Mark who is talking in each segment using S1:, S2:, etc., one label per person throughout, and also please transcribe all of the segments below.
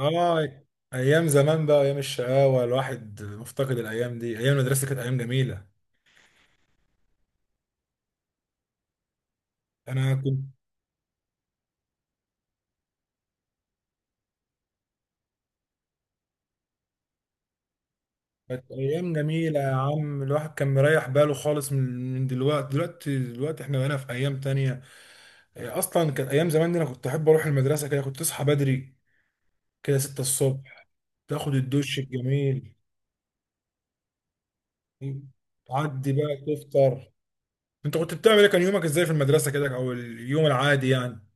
S1: اه، ايام زمان بقى، ايام الشقاوه، الواحد مفتقد الايام دي. ايام المدرسه كانت ايام جميله. انا كنت كانت ايام جميله يا عم. الواحد كان مريح باله خالص من دلوقتي. احنا بقينا في ايام تانية. اصلا كانت ايام زمان دي، انا كنت احب اروح المدرسه. كده كنت تصحى بدري، كده 6 الصبح، تاخد الدش الجميل، تعدي بقى تفطر. انت كنت بتعمل ايه؟ كان يومك ازاي في المدرسه كده، او اليوم العادي يعني؟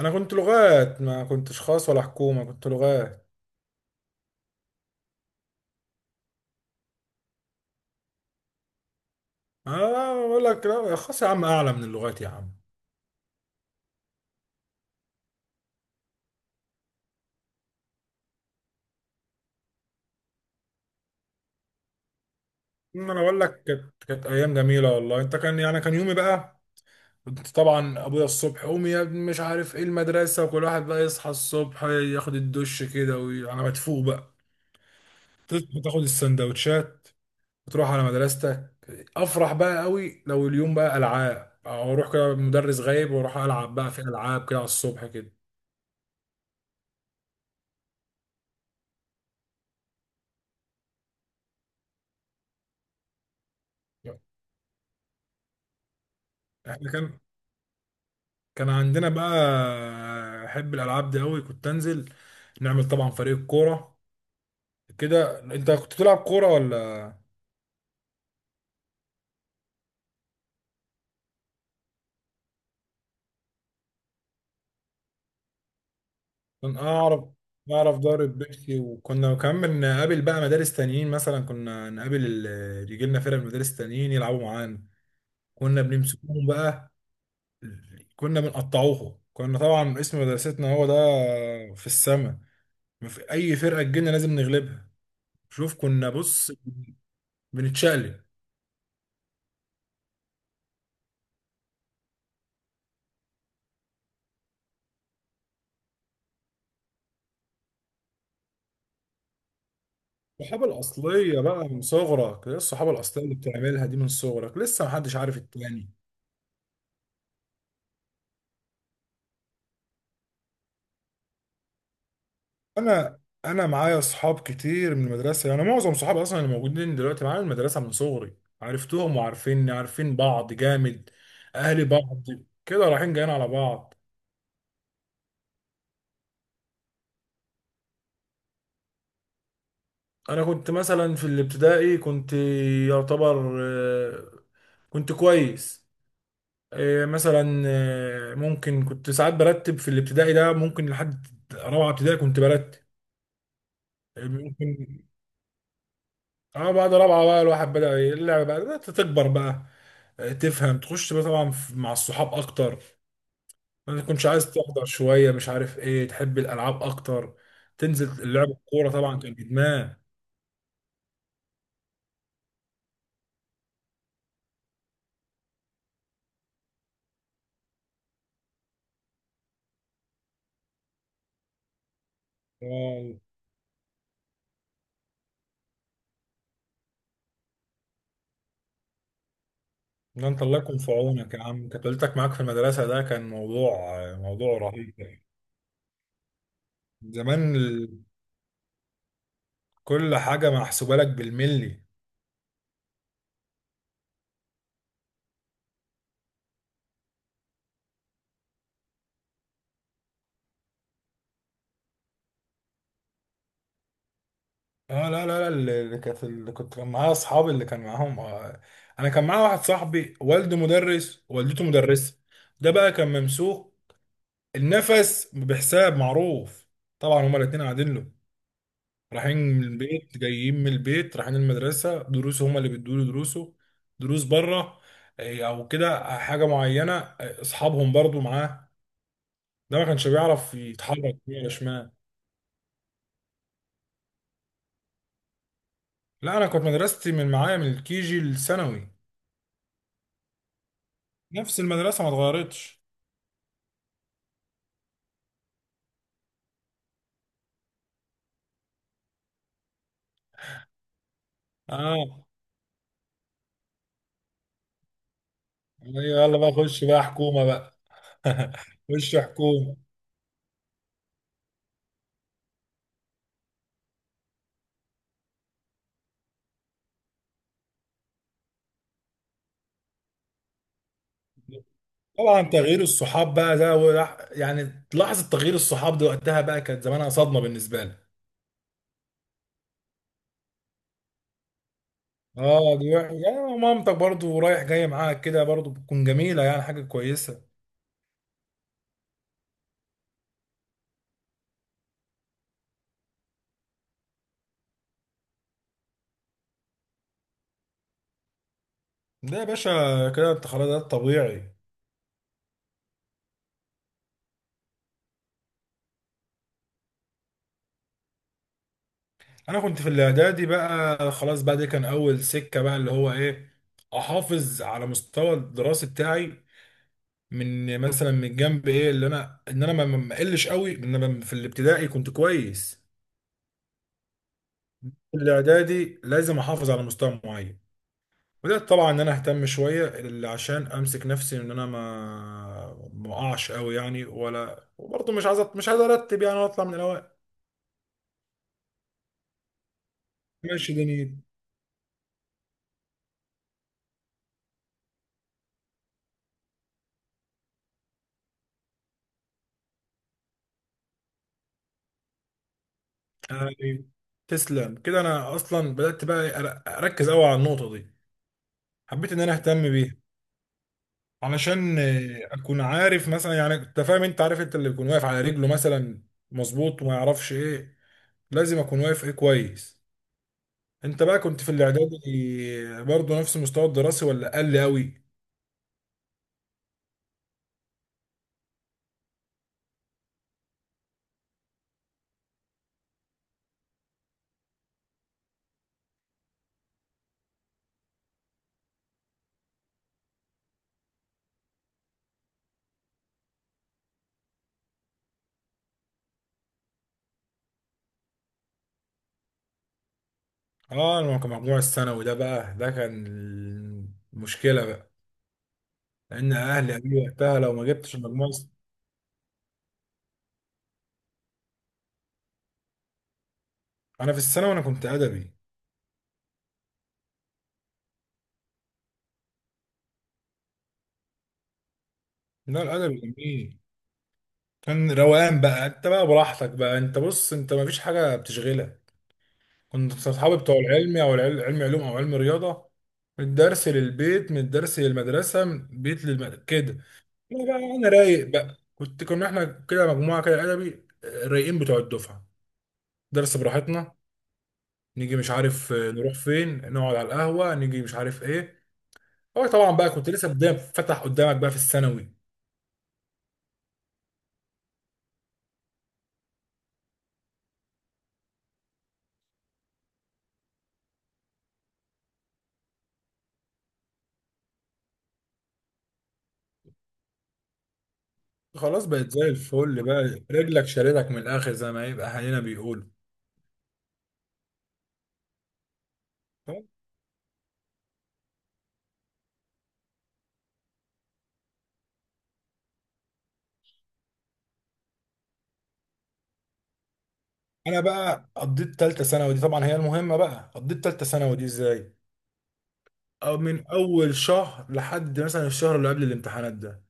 S1: انا كنت لغات، ما كنتش خاص ولا حكومه، كنت لغات. اه بقول لك، لا خلاص يا عم، اعلى من اللغات يا عم. إن انا بقول لك كانت ايام جميله والله. انت كان يعني كان يومي بقى، كنت طبعا ابويا الصبح قوم يا ابني مش عارف ايه المدرسه، وكل واحد بقى يصحى الصبح ياخد الدش كده، وانا مدفوق بقى تصحى تاخد السندوتشات وتروح على مدرستك. افرح بقى قوي لو اليوم بقى العاب، او اروح كده مدرس غايب واروح العب بقى في العاب كده على الصبح كده. احنا كان كان عندنا بقى، احب الالعاب دي قوي، كنت انزل نعمل طبعا فريق الكوره. كده انت كنت بتلعب كوره ولا؟ كان اعرف، اعرف ضارب بيبسي. وكنا كمان نقابل بقى مدارس تانيين، مثلا كنا نقابل يجي لنا فرق من مدارس تانيين يلعبوا معانا. كنا بنمسكوهم بقى، كنا بنقطعوهم. كنا طبعا اسم مدرستنا هو ده في السماء، ما في اي فرقه تجيلنا لازم نغلبها. شوف كنا بص بنتشقلب. الصحابة الأصلية بقى من صغرك، إيه الصحابة الأصلية اللي بتعملها دي من صغرك، لسه محدش عارف التاني. أنا أنا معايا أصحاب كتير من المدرسة، يعني معظم صحابي أصلا اللي موجودين دلوقتي معايا من المدرسة، من صغري عرفتهم وعارفيني، عارفين بعض جامد، أهلي بعض، كده رايحين جايين على بعض. أنا كنت مثلا في الابتدائي كنت يعتبر كنت كويس. مثلا ممكن كنت ساعات برتب في الابتدائي ده، ممكن لحد رابعة ابتدائي كنت برتب ممكن. اه بعد رابعه بقى الواحد بدأ اللعبه بقى بدأت تكبر بقى. تفهم تخش بقى طبعا مع الصحاب اكتر. ما تكونش عايز تحضر شويه، مش عارف ايه، تحب الالعاب اكتر، تنزل اللعب الكوره طبعا كان ادمان. آه، ده انت الله يكون في عونك يا عم، كانت والدتك معاك في المدرسه، ده كان موضوع، موضوع رهيب يعني. زمان كل حاجه محسوبه لك بالملي. اه لا لا لا، اللي كانت اللي كنت كان معايا اصحابي اللي كان معاهم انا كان معايا واحد صاحبي والده مدرس والدته مدرسه، ده بقى كان ممسوك، النفس بحساب معروف. طبعا هما الاتنين قاعدين له، رايحين من البيت جايين من البيت، رايحين المدرسه، دروسه هما اللي بيدوا له دروسه، دروس بره او كده، حاجه معينه، اصحابهم برضو معاه. ده ما كانش بيعرف يتحرك يمين ولا شمال. لا، انا كنت مدرستي من معايا من الكيجي للثانوي، نفس المدرسه ما اتغيرتش. اه. أيوة، يلا بقى خش بقى حكومه بقى. خش حكومه. طبعا تغيير الصحاب بقى ده يعني لحظه تغيير الصحاب دي وقتها بقى كانت زمانها صدمه بالنسبه لي. اه دي يعني مامتك برضو رايح جاي معاك كده، برضو بتكون جميله يعني، حاجه كويسه. ده يا باشا كده انت خلاص، ده الطبيعي. انا كنت في الاعدادي بقى خلاص بقى، دي كان اول سكه بقى اللي هو ايه، احافظ على مستوى الدراسي بتاعي. من مثلا من جنب ايه اللي انا ان انا ما اقلش قوي ان انا في الابتدائي كنت كويس. في الاعدادي لازم احافظ على مستوى معين. بدات طبعا ان انا اهتم شويه، اللي عشان امسك نفسي ان انا ما اقعش قوي يعني، ولا وبرضه مش عايز ارتب يعني واطلع من الاوائل. ماشي دنيتي يعني. تسلم كده، انا اصلا بدات بقى اركز قوي على النقطه دي. حبيت ان انا اهتم بيها علشان اكون عارف مثلا، يعني انت فاهم، انت عارف انت اللي يكون واقف على رجله مثلا مظبوط، وما يعرفش ايه. لازم اكون واقف ايه كويس. انت بقى كنت في الاعدادي برضه نفس المستوى الدراسي ولا اقل قوي؟ اه انا كان مجموع الثانوي ده بقى، ده كان المشكله بقى، لان اهلي قالوا لي وقتها لو ما جبتش المجموع انا في الثانوي انا كنت ادبي. لا الادبي جميل، كان روقان بقى، انت بقى براحتك بقى، انت بص انت ما فيش حاجه بتشغلك. كنت صحابي بتوع العلمي او علم علوم او علم رياضه. من الدرس للبيت، من الدرس للمدرسه، من البيت للمدرسه كده. لا بقى انا رايق بقى، كنت كنا احنا كده مجموعه كده ادبي رايقين بتوع الدفعه، درس براحتنا، نيجي مش عارف نروح فين، نقعد على القهوه، نيجي مش عارف ايه. هو طبعا بقى كنت لسه بدايه فتح قدامك بقى في الثانوي، خلاص بقت زي الفل بقى، رجلك شالتك من الاخر زي ما يبقى اهالينا بيقولوا. انا بقى قضيت تالتة ثانوي دي طبعا هي المهمة، بقى قضيت تالتة ثانوي دي ازاي؟ أو من أول شهر لحد مثلا الشهر اللي قبل الامتحانات ده،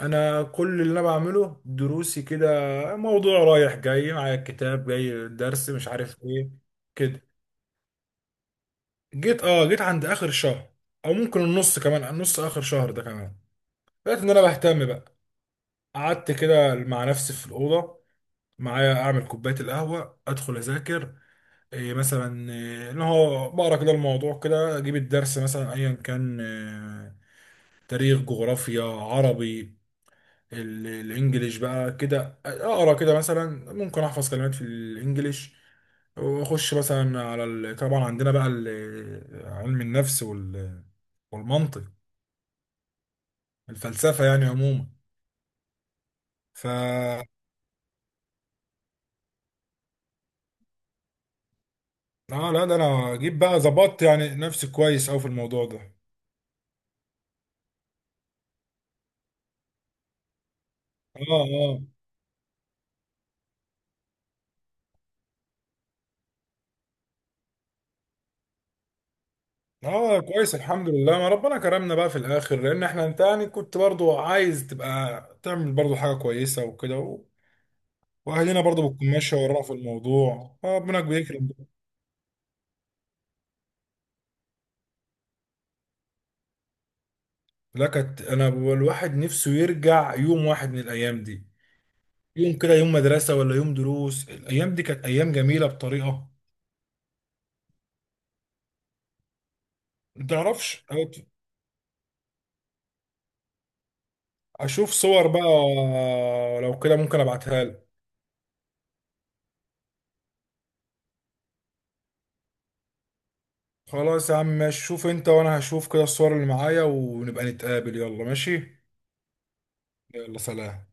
S1: أنا كل اللي أنا بعمله دروسي كده، موضوع رايح جاي معايا الكتاب جاي الدرس مش عارف إيه كده. جيت أه جيت عند آخر شهر، أو ممكن النص، كمان النص آخر شهر ده كمان، لقيت إن أنا بهتم بقى. قعدت كده مع نفسي في الأوضة، معايا أعمل كوباية القهوة، أدخل أذاكر، إيه مثلا، إيه اللي هو بقرا كده الموضوع كده، أجيب الدرس مثلا أيا كان، إيه تاريخ جغرافيا عربي، الانجليش بقى كده اقرا كده، مثلا ممكن احفظ كلمات في الانجليش، واخش مثلا على ال... طبعا عندنا بقى علم النفس وال... والمنطق، الفلسفه يعني عموما. ف اه لا ده انا جيت بقى ظبطت يعني نفسي كويس اوي في الموضوع ده. اه اه. اه كويس، الحمد لله ما ربنا كرمنا بقى في الاخر، لان احنا انت يعني كنت برضو عايز تبقى تعمل برضو حاجه كويسه وكده، واهلنا برضه بتكون ماشيه ورانا في الموضوع، ربنا بيكرم. لا كانت، انا الواحد نفسه يرجع يوم واحد من الايام دي، يوم كده، يوم مدرسه ولا يوم دروس، الايام دي كانت ايام جميله بطريقه ما تعرفش. اشوف صور بقى؟ لو كده ممكن ابعتها لك. خلاص يا عم ماشي، شوف انت وانا هشوف كده الصور اللي معايا، ونبقى نتقابل، يلا ماشي. يلا سلام.